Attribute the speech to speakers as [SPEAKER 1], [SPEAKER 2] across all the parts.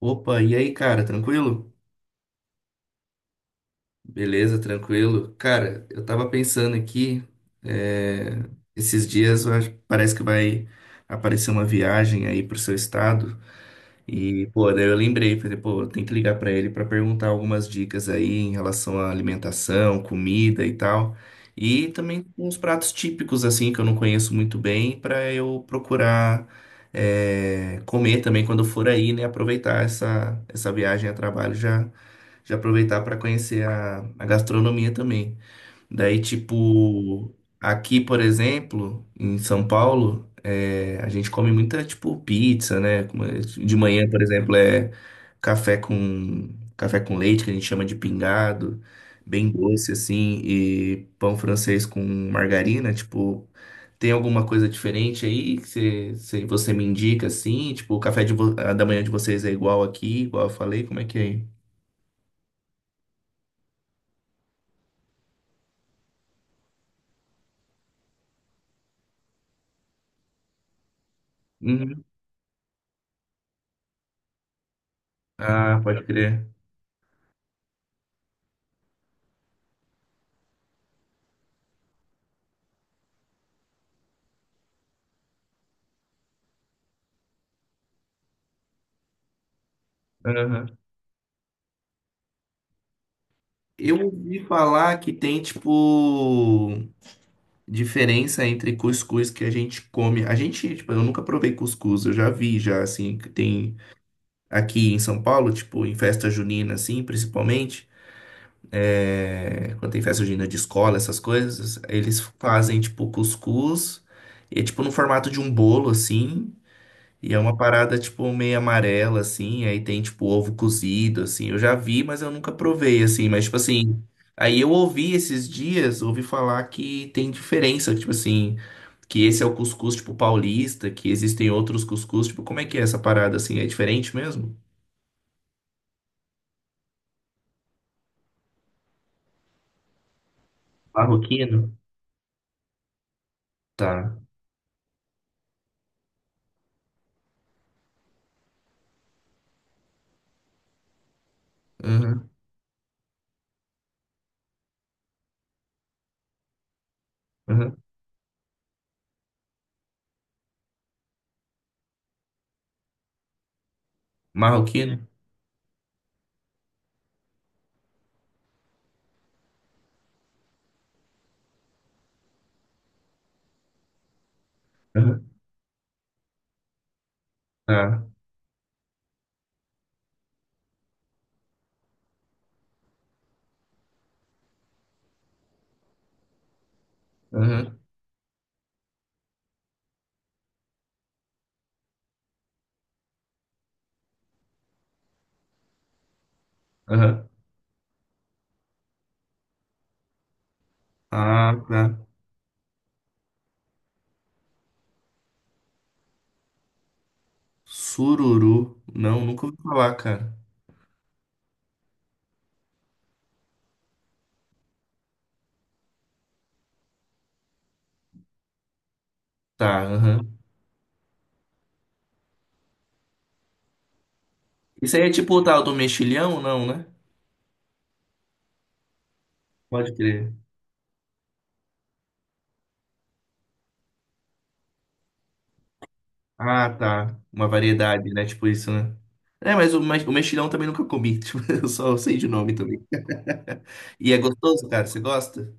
[SPEAKER 1] Opa, e aí, cara, tranquilo? Beleza, tranquilo. Cara, eu tava pensando aqui, é, esses dias parece que vai aparecer uma viagem aí pro seu estado. E, pô, daí eu lembrei, falei, pô, eu tenho que ligar pra ele pra perguntar algumas dicas aí em relação à alimentação, comida e tal. E também uns pratos típicos, assim, que eu não conheço muito bem, pra eu procurar comer também quando eu for aí, né? Aproveitar essa viagem a trabalho já de aproveitar para conhecer a gastronomia também. Daí, tipo, aqui, por exemplo, em São Paulo, é, a gente come muita, tipo, pizza, né? De manhã, por exemplo, café com, café com leite, que a gente chama de pingado, bem doce, assim, e pão francês com margarina, tipo... Tem alguma coisa diferente aí que você me indica assim? Tipo, o da manhã de vocês é igual aqui, igual eu falei? Como é que é aí? Ah, pode crer. Aham. Eu ouvi falar que tem, tipo, diferença entre cuscuz que a gente come. A gente, tipo, eu nunca provei cuscuz, eu já vi, já, assim, que tem aqui em São Paulo, tipo, em festa junina, assim, principalmente. Quando tem festa junina de escola, essas coisas, eles fazem, tipo, cuscuz, e é, tipo, no formato de um bolo, assim. E é uma parada, tipo, meio amarela, assim, aí tem, tipo, ovo cozido, assim. Eu já vi, mas eu nunca provei, assim. Mas, tipo assim, aí eu ouvi esses dias, ouvi falar que tem diferença, tipo assim, que esse é o cuscuz, tipo, paulista, que existem outros cuscuz, tipo, como é que é essa parada, assim? É diferente mesmo? Marroquino? Tá. Aham, aham. Marroquino? Aham, tá. Aham, aham. Ah, tá. Sururu. Não, nunca ouvi falar, cara. Tá, aham. Isso aí é tipo o tal do mexilhão, não, né? Pode crer. Ah, tá. Uma variedade, né? Tipo isso, né? É, mas o, o mexilhão também nunca comi. Tipo, eu só sei de nome também. E é gostoso, cara? Você gosta?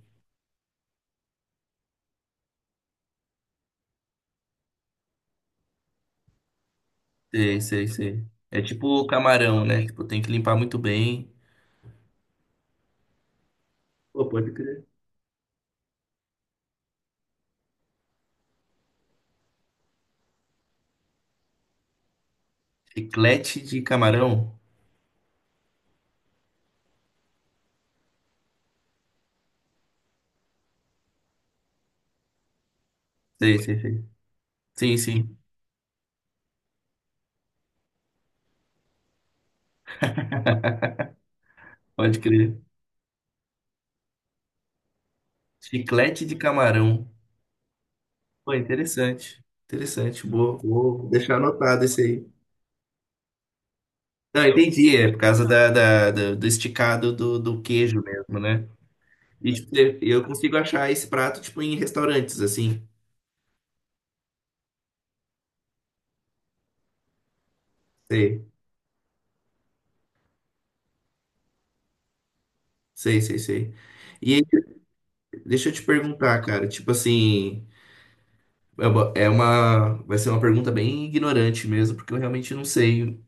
[SPEAKER 1] Sei, sei, sei. É tipo o camarão, né? Tipo, tem que limpar muito bem. Pô, pode crer. Chiclete de camarão? Sei, sei, sei. Sim, sim. Pode crer. Chiclete de camarão. Pô, interessante. Interessante. Boa. Vou deixar anotado esse aí. Não, entendi. É por causa do esticado do queijo mesmo, né? E tipo, eu consigo achar esse prato tipo em restaurantes, assim. Sei, sei, sei, sei. E aí, deixa eu te perguntar, cara. Tipo assim, é uma- vai ser uma pergunta bem ignorante mesmo, porque eu realmente não sei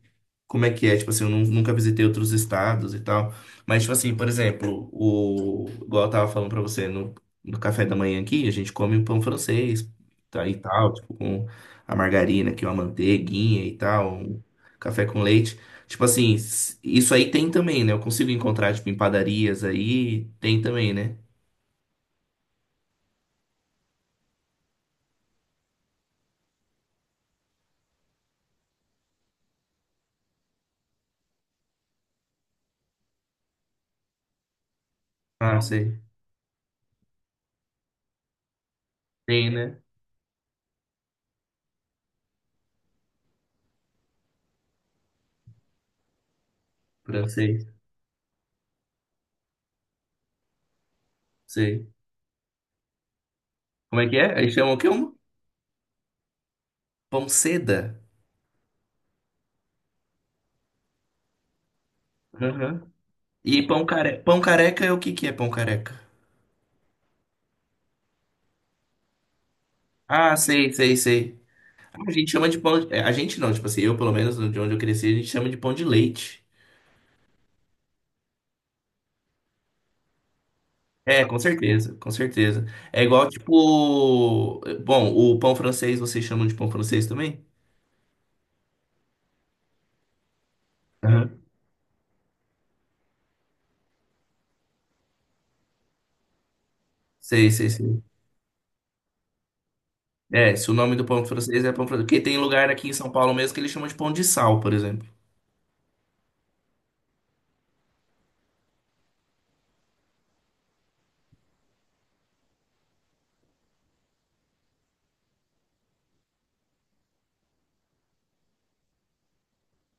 [SPEAKER 1] como é que é, tipo assim, nunca visitei outros estados e tal. Mas, tipo assim, por exemplo, o, igual eu tava falando pra você, no, no café da manhã aqui, a gente come um pão francês tá, e tal, tipo, com a margarina aqui, uma manteiguinha e tal, um café com leite. Tipo assim, isso aí tem também, né? Eu consigo encontrar, tipo, em padarias aí, tem também, né? Ah, sei. Tem, né? Francês, sei. Como é que é? Aí chamam o quê? Um pão seda? Aham. E pão careca é o que que é pão careca? Ah, sei, sei, sei. Ah, a gente chama de pão. A gente não, tipo assim, eu pelo menos, de onde eu cresci, a gente chama de pão de leite. É, com certeza, com certeza. É igual, tipo. Bom, o pão francês vocês chamam de pão francês também? Aham. Sei, sei, sei. É, se o nome do pão francês é pão francês. Porque tem lugar aqui em São Paulo mesmo que eles chamam de pão de sal, por exemplo.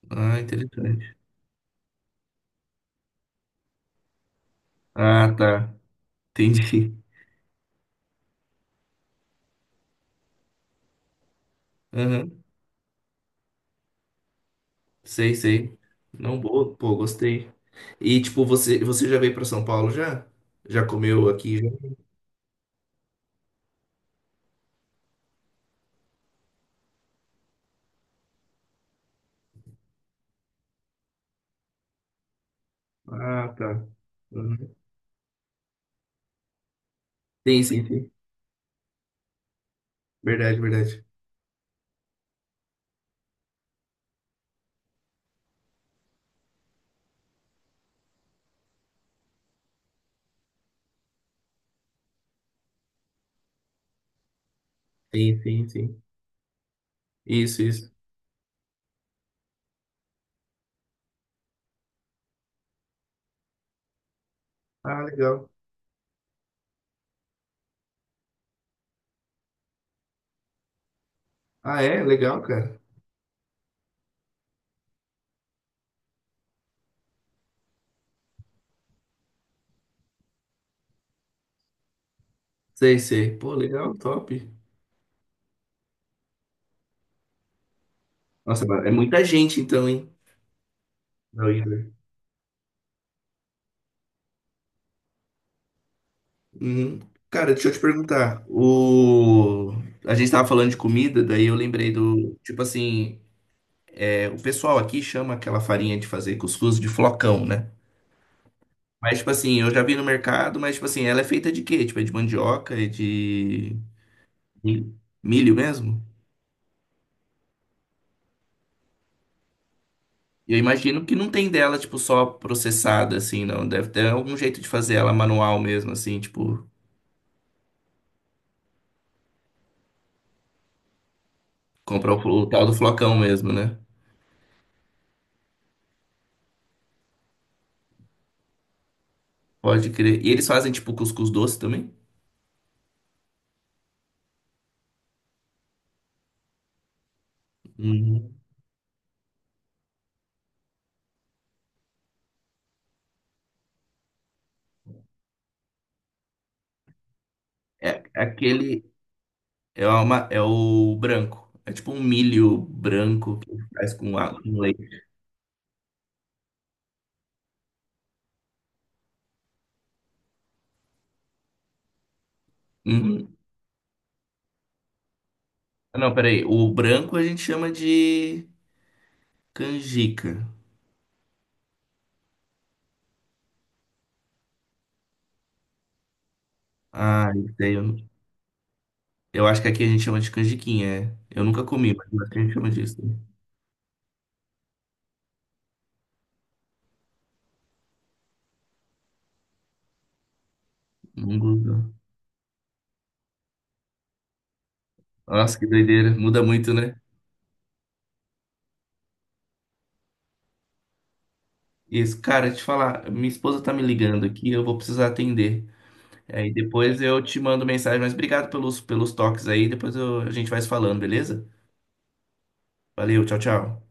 [SPEAKER 1] Ah, interessante. Ah, tá. Entendi. Aham. Sei, sei. Não, boa, pô, gostei. E, tipo, você já veio pra São Paulo já? Já comeu aqui? Ah, tá. Uhum. Sim, sim, sim. Verdade, verdade. Sim, sim, sim. Isso, isso. Ah, legal. Ah, é? Legal, cara. Sei, sei. Pô, legal, top. Nossa, mas é muita gente então, hein? Não, Igor. Uhum. Cara, deixa eu te perguntar. O... A gente tava falando de comida, daí eu lembrei do. Tipo assim, é, o pessoal aqui chama aquela farinha de fazer cuscuz de flocão, né? Mas, tipo assim, eu já vi no mercado, mas, tipo assim, ela é feita de quê? Tipo, é de mandioca, é de mi- milho mesmo? E eu imagino que não tem dela, tipo, só processada, assim, não. Deve ter algum jeito de fazer ela manual mesmo, assim, tipo, comprar o tal do flocão mesmo, né? Pode crer. E eles fazem, tipo, cuscuz doce também? Uhum. É aquele. É, uma, é o branco. É tipo um milho branco que faz com água, com leite. Uhum. Ah, não, peraí. O branco a gente chama de canjica. Ah, isso aí eu, não- eu acho que aqui a gente chama de canjiquinha, é. Eu nunca comi, mas aqui a gente chama disso. Mungo. Nossa, que doideira. Muda muito, né? Isso. Cara, te falar, minha esposa tá me ligando aqui, eu vou precisar atender. Aí depois eu te mando mensagem, mas obrigado pelos toques aí, a gente vai se falando, beleza? Valeu, tchau, tchau.